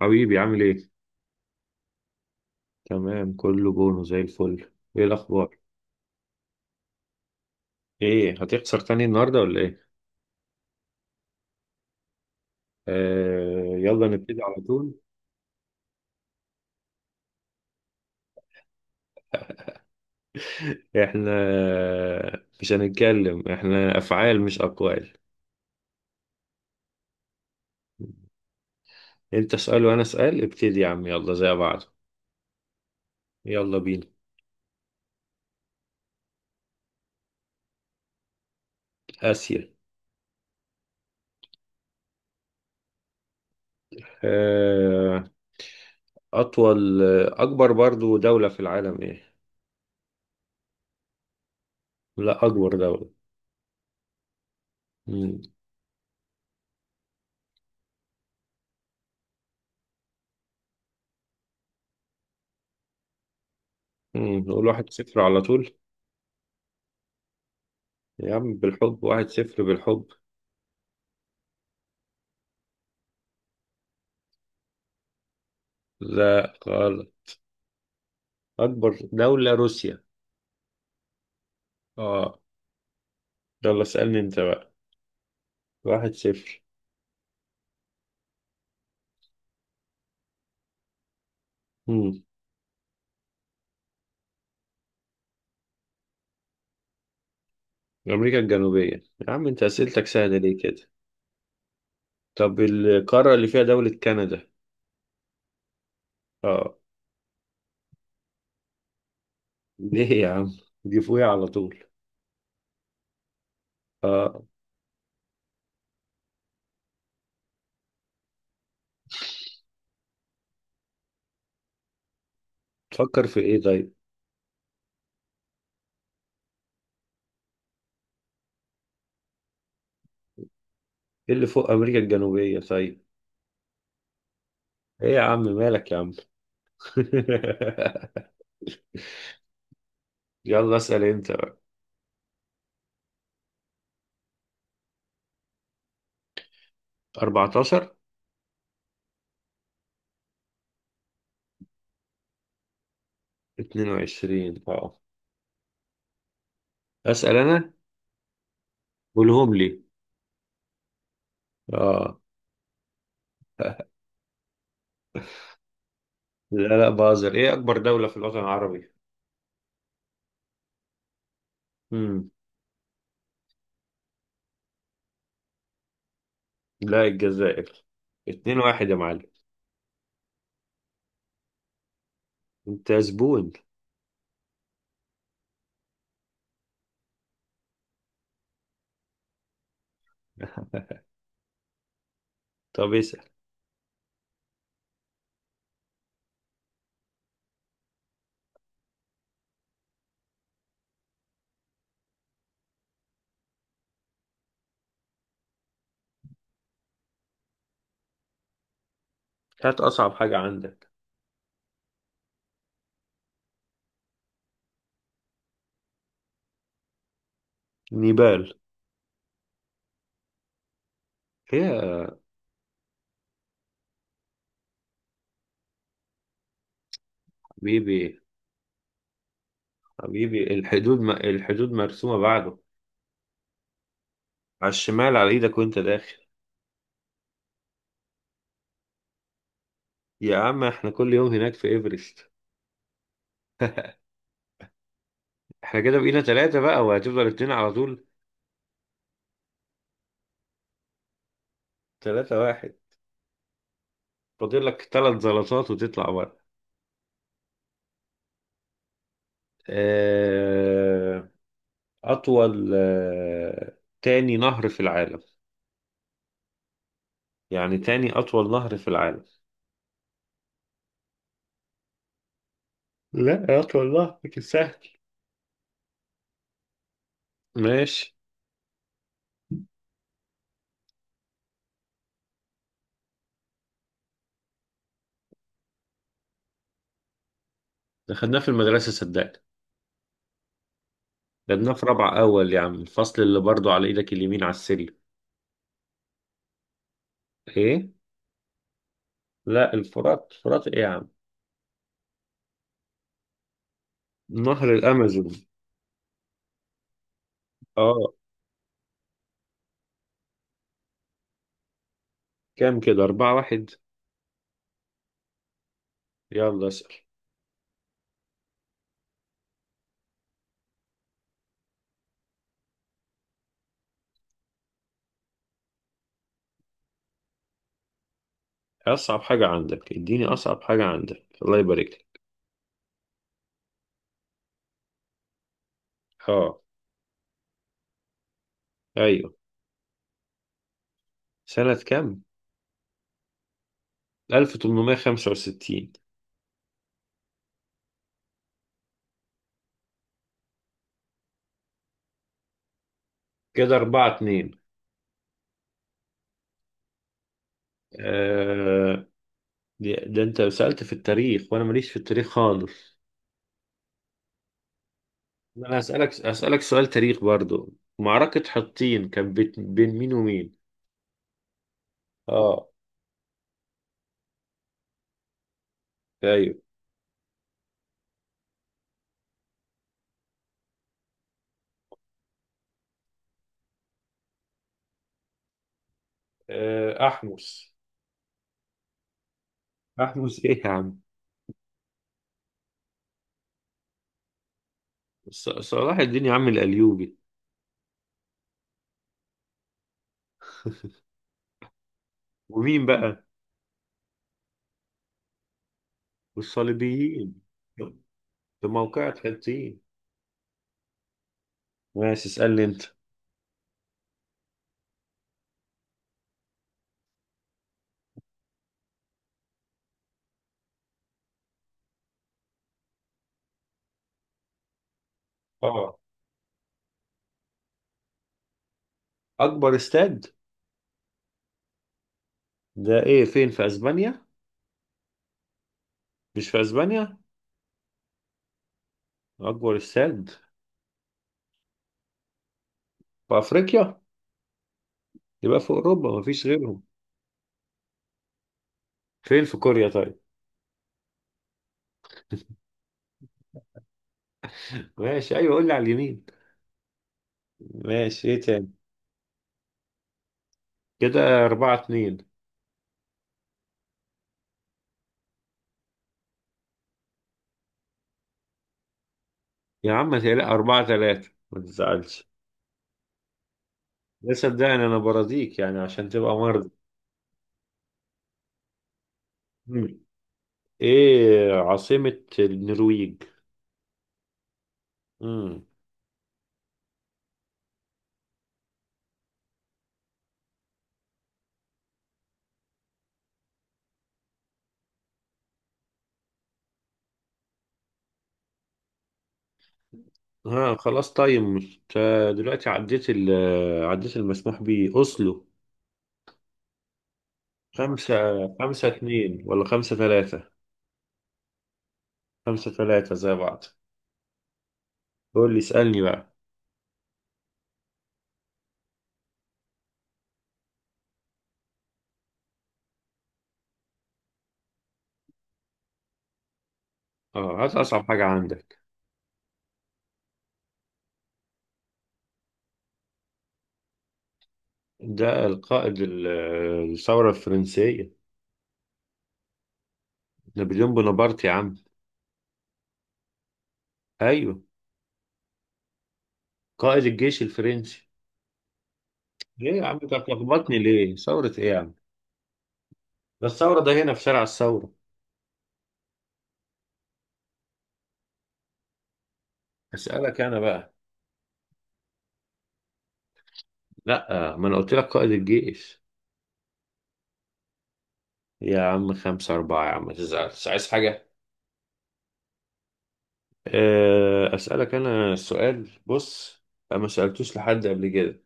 حبيبي عامل ايه؟ تمام كله بونو زي الفل. ايه الاخبار؟ ايه هتخسر تاني النهارده ولا ايه؟ آه يلا نبتدي على طول. احنا مش هنتكلم، احنا افعال مش اقوال. انت اسأل وانا اسأل، ابتدي يا عم يلا زي بعض. يلا بينا. اسيا. آه. اطول اكبر برضو دولة في العالم ايه؟ لا اكبر دولة. مم. نقول 1-0 على طول. يا عم بالحب واحد صفر بالحب. لا غلط. أكبر دولة روسيا. آه. يلا اسألني أنت بقى. واحد صفر. مم. أمريكا الجنوبية. يا عم أنت أسئلتك سهلة ليه كده؟ طب القارة اللي فيها دولة كندا. آه. ليه يا عم؟ دي فوقيها على طول. آه. تفكر في إيه طيب؟ إيه اللي فوق أمريكا الجنوبية طيب؟ إيه يا عم مالك يا عم؟ يلا اسأل أنت بقى. 14. 22. آه. أسأل أنا. قولهم لي. آه. لا لا بازر. إيه أكبر دولة في الوطن العربي؟ لا الجزائر. 2-1 يا معلم. انت زبون. طب اسأل. هات أصعب حاجة عندك. نيبال. يا حبيبي. حبيبي الحدود الحدود مرسومة بعده. على الشمال على ايدك وانت داخل. يا عم احنا كل يوم هناك في ايفرست. احنا كده بقينا ثلاثة بقى وهتفضل اتنين على طول. 3-1. فاضل لك ثلاث زلطات وتطلع بره. آه، أطول تاني نهر في العالم. يعني تاني أطول نهر في العالم. لا يا اخي والله لكن سهل. ماشي. ده خدناه في المدرسة صدقني. خدناه في رابعة أول يا عم، الفصل اللي برضو على إيدك اليمين على السلم. إيه؟ لا الفرات الفرات إيه يا عم؟ نهر الأمازون. آه. كام كده؟ 4-1. يلا اسأل. أصعب حاجة عندك، اديني أصعب حاجة عندك الله يبارك لك. آه. أيوه. سنة كام؟ 1865. كده 4-2. آه. ده أنت سألت في التاريخ وأنا ماليش في التاريخ خالص. انا اسالك سؤال تاريخ برضو. معركة حطين كان بين مين ومين؟ اه. ايوه. آه، احمس. احمس ايه يا عم؟ صلاح الدين يا عم الايوبي. ومين بقى؟ والصليبيين. في موقعة حطين. ماشي اسالني انت. اه. اكبر استاد. ده ايه، فين في اسبانيا؟ مش في اسبانيا. اكبر استاد في افريقيا. يبقى في اوروبا مفيش غيرهم. فين في كوريا طيب؟ ماشي. ايوه قول لي على اليمين. ماشي. ايه تاني؟ كده أربعة اتنين. يا عم تقلق 4-3، ما تزعلش. ده صدقني أنا برازيك يعني عشان تبقى مرضي. مم. إيه عاصمة النرويج؟ مم. ها خلاص طيب مش دلوقتي، عديت عديت المسموح بيه أوسلو. خمسة. 5-2 ولا 5-3؟ خمسة تلاتة زي بعض. قول لي اسألني بقى. اه هات أصعب حاجة عندك. ده القائد الثورة الفرنسية. نابليون بونابرت يا عم. أيوه. قائد الجيش الفرنسي. ليه يا عم انت بتلخبطني؟ ليه ثورة ايه يا عم؟ ده الثورة ده هنا في شارع الثورة. اسألك انا بقى. لا ما انا قلت لك قائد الجيش. يا عم 5-4، يا عم ما تزعلش عايز حاجة. أسألك أنا السؤال. بص أنا ما سألتوش لحد قبل كده،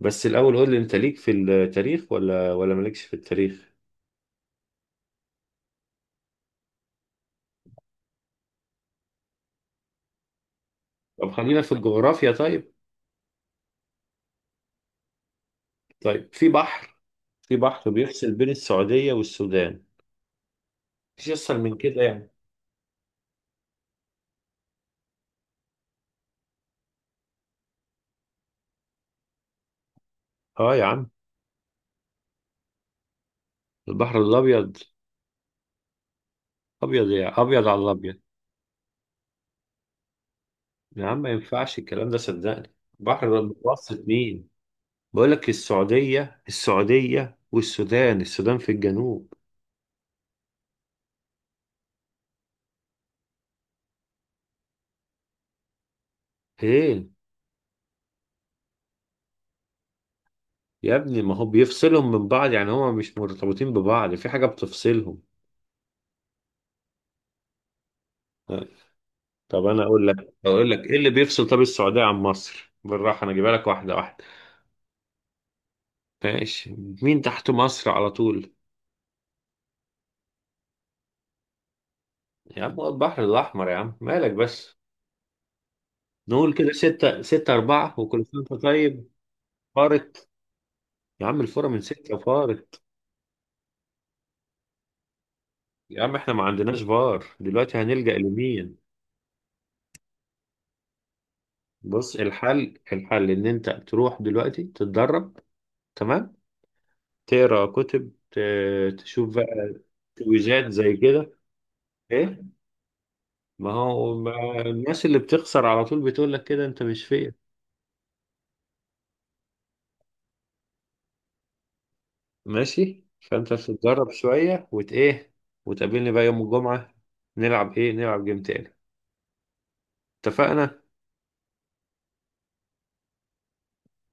بس الأول قول لي أنت ليك في التاريخ ولا مالكش في التاريخ. طب خلينا في الجغرافيا طيب. طيب في بحر بيفصل بين السعودية والسودان. مفيش أسهل من كده يعني. اه يا عم. البحر الابيض. ابيض يا ابيض على الابيض. يا عم ما ينفعش الكلام ده صدقني، بحر المتوسط مين؟ بقول لك السعوديه السعوديه والسودان، السودان في الجنوب. ايه. يا ابني ما هو بيفصلهم من بعض يعني، هما مش مرتبطين ببعض، في حاجه بتفصلهم. طب انا اقول لك ايه اللي بيفصل طب السعوديه عن مصر، بالراحه انا اجيبها لك واحده واحده. ماشي. مين تحت مصر على طول؟ يا عم هو البحر الاحمر، يا عم مالك بس؟ نقول كده ستة 6-4، وكل سنة وأنت طيب. فارق. يا عم الفورة من ستة فار. يا عم احنا ما عندناش فار دلوقتي، هنلجأ لمين؟ بص، الحل ان انت تروح دلوقتي تتدرب. تمام. تقرا كتب، تشوف بقى. تويجات زي كده. ايه؟ ما هو ما الناس اللي بتخسر على طول بتقول لك كده، انت مش فيا. ماشي. فانت بتتدرب شوية ايه، وتقابلني بقى يوم الجمعة. نلعب ايه؟ نلعب جيم تاني. اتفقنا.